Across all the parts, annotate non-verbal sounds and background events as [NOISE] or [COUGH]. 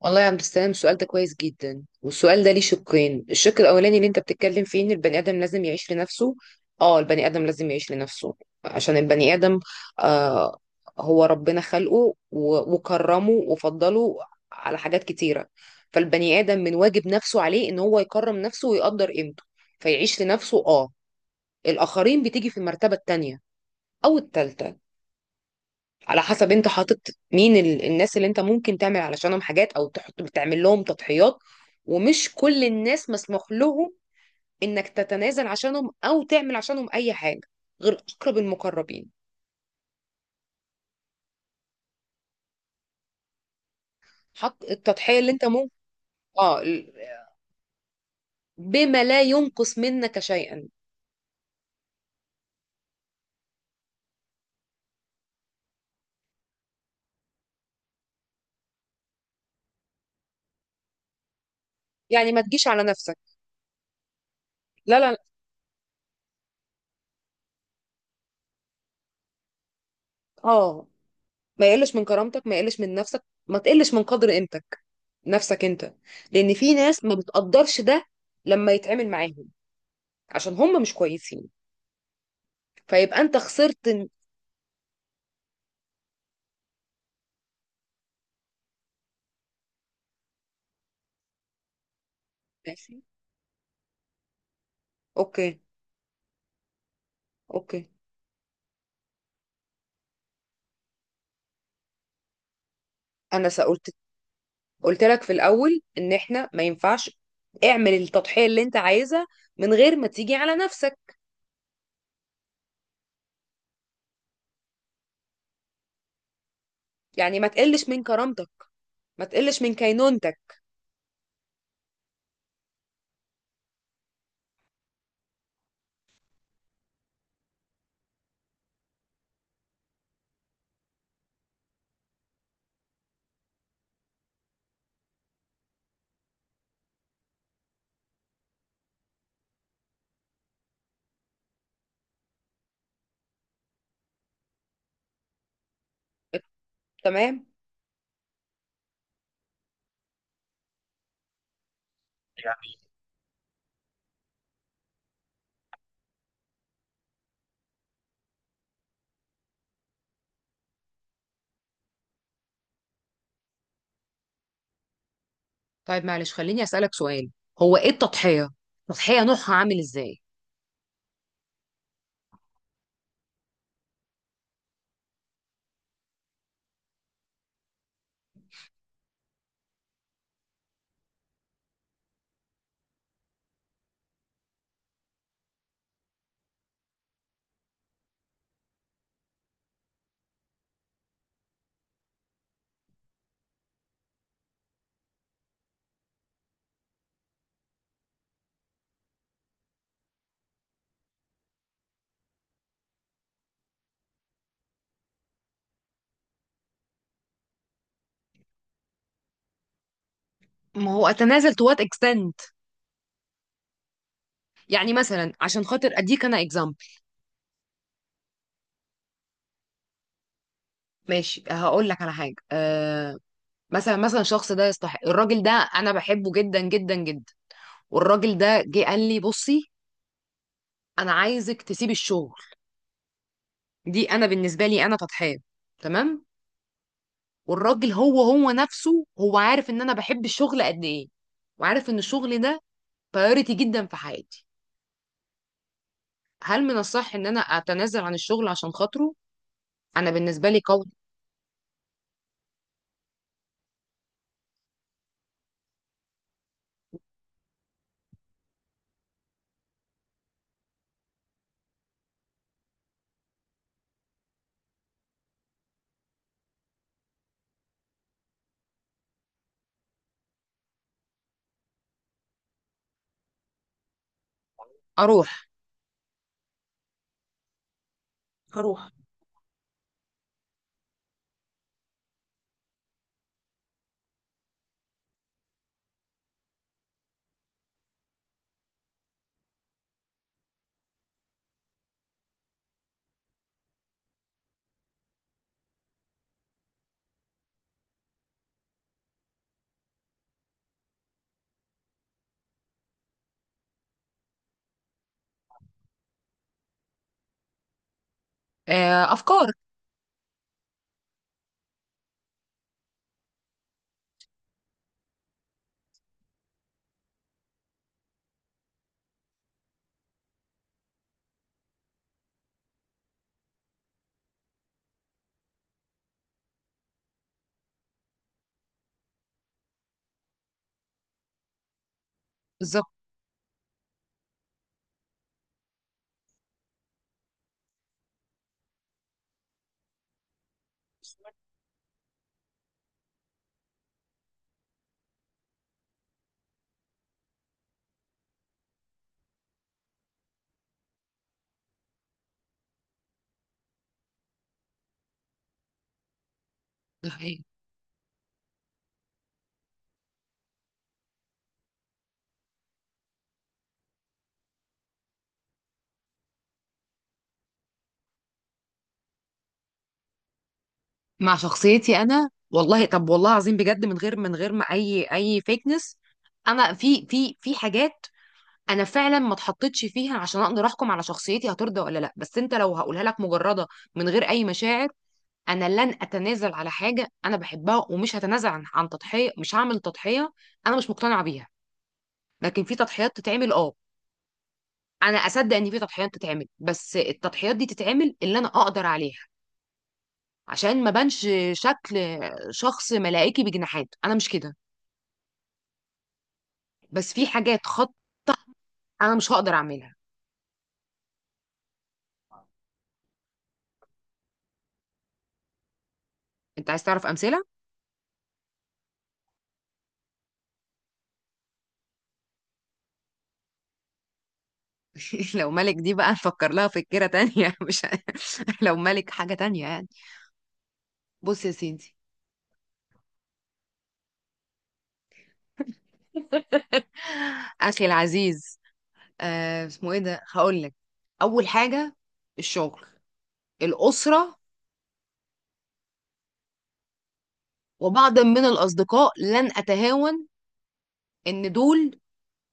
والله يا عبد السلام، السؤال ده كويس جدا. والسؤال ده ليه شقين: الشق الاولاني اللي انت بتتكلم فيه ان البني ادم لازم يعيش لنفسه. اه، البني ادم لازم يعيش لنفسه عشان البني ادم. آه هو ربنا خلقه وكرمه وفضله على حاجات كتيره. فالبني ادم من واجب نفسه عليه ان هو يكرم نفسه ويقدر قيمته، فيعيش لنفسه. اه الاخرين بتيجي في المرتبه التانيه او التالته، على حسب انت حاطط مين الناس اللي انت ممكن تعمل علشانهم حاجات او تحط بتعمل لهم تضحيات. ومش كل الناس مسموح لهم انك تتنازل عشانهم او تعمل عشانهم اي حاجه، غير اقرب المقربين. حط التضحيه اللي انت ممكن. اه ال- بما لا ينقص منك شيئا. يعني ما تجيش على نفسك. لا لا لا. اه، ما يقلش من كرامتك، ما يقلش من نفسك، ما تقلش من قدر قيمتك، نفسك انت. لان في ناس ما بتقدرش ده لما يتعامل معاهم، عشان هم مش كويسين، فيبقى انت خسرت. ماشي. اوكي. اوكي. انا قلت لك في الاول ان احنا ما ينفعش اعمل التضحية اللي انت عايزها من غير ما تيجي على نفسك. يعني ما تقلش من كرامتك، ما تقلش من كينونتك. تمام. طيب معلش، خليني اسالك سؤال: هو ايه التضحية؟ التضحية نوعها عامل ازاي؟ ما هو اتنازل تو وات اكستنت؟ يعني مثلا عشان خاطر اديك انا اكزامبل. ماشي، هقول لك على حاجه. مثلا، الشخص ده يستحق. الراجل ده انا بحبه جدا جدا جدا. والراجل ده جه قال لي: بصي، انا عايزك تسيبي الشغل. دي انا بالنسبه لي انا فتحان، تمام. والراجل هو هو نفسه هو عارف ان انا بحب الشغل قد ايه، وعارف ان الشغل ده بايوريتي جدا في حياتي. هل من الصح ان انا اتنازل عن الشغل عشان خاطره؟ انا بالنسبه لي قوي. اروح. هروح. افكار. بالظبط. ده حقيقي. مع شخصيتي انا، والله. طب والله العظيم، بجد، من غير ما اي فيكنس، انا في حاجات انا فعلا ما اتحطيتش فيها عشان اقدر احكم على شخصيتي هترضى ولا لا. بس انت لو هقولها لك مجرده، من غير اي مشاعر، انا لن اتنازل على حاجه انا بحبها، ومش هتنازل عن تضحيه. مش هعمل تضحيه انا مش مقتنعه بيها. لكن في تضحيات تتعمل، انا اصدق ان في تضحيات تتعمل، بس التضحيات دي تتعمل اللي انا اقدر عليها. عشان ما بانش شكل شخص ملائكي بجناحات، انا مش كده. بس في حاجات خط، انا مش هقدر اعملها. انت عايز تعرف امثله؟ [LAUGHS] لو ملك، دي بقى نفكر لها فكرة تانية. [LAUGHS] مش. [LAUGHS] لو ملك حاجة تانية، يعني. بص يا سيدي، أخي العزيز، اسمه إيه ده، هقول لك. أول حاجة: الشغل، الأسرة، وبعض من الأصدقاء، لن أتهاون. إن دول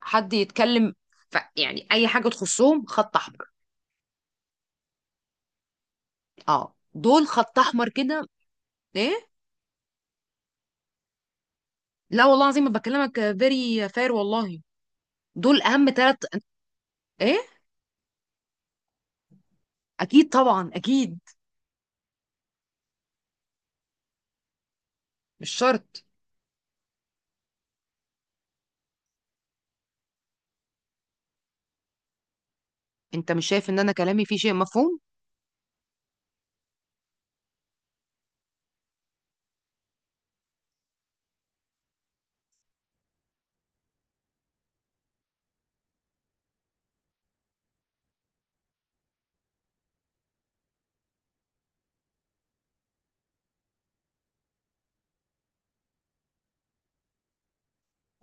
حد يتكلم يعني، أي حاجة تخصهم خط أحمر. أه، دول خط أحمر كده. إيه. لا والله العظيم ما بكلمك، فيري فير والله. دول أهم ثلاث. إيه. أكيد طبعا، أكيد. مش شرط. انت مش شايف ان انا كلامي فيه شيء مفهوم؟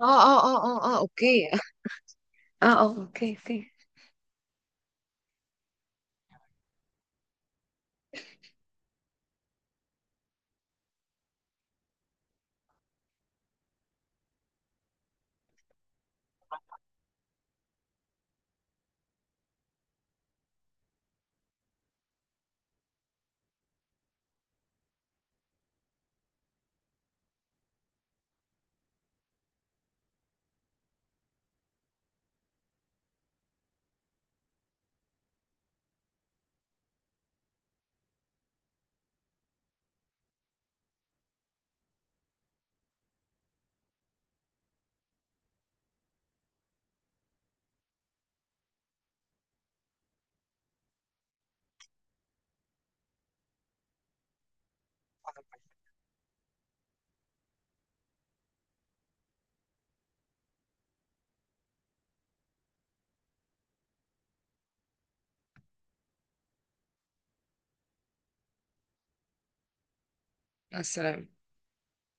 اه، اه، اه، اه، اه، اوكي. [LAUGHS] اه، اه، اوكي، اوكي. مع السلامة.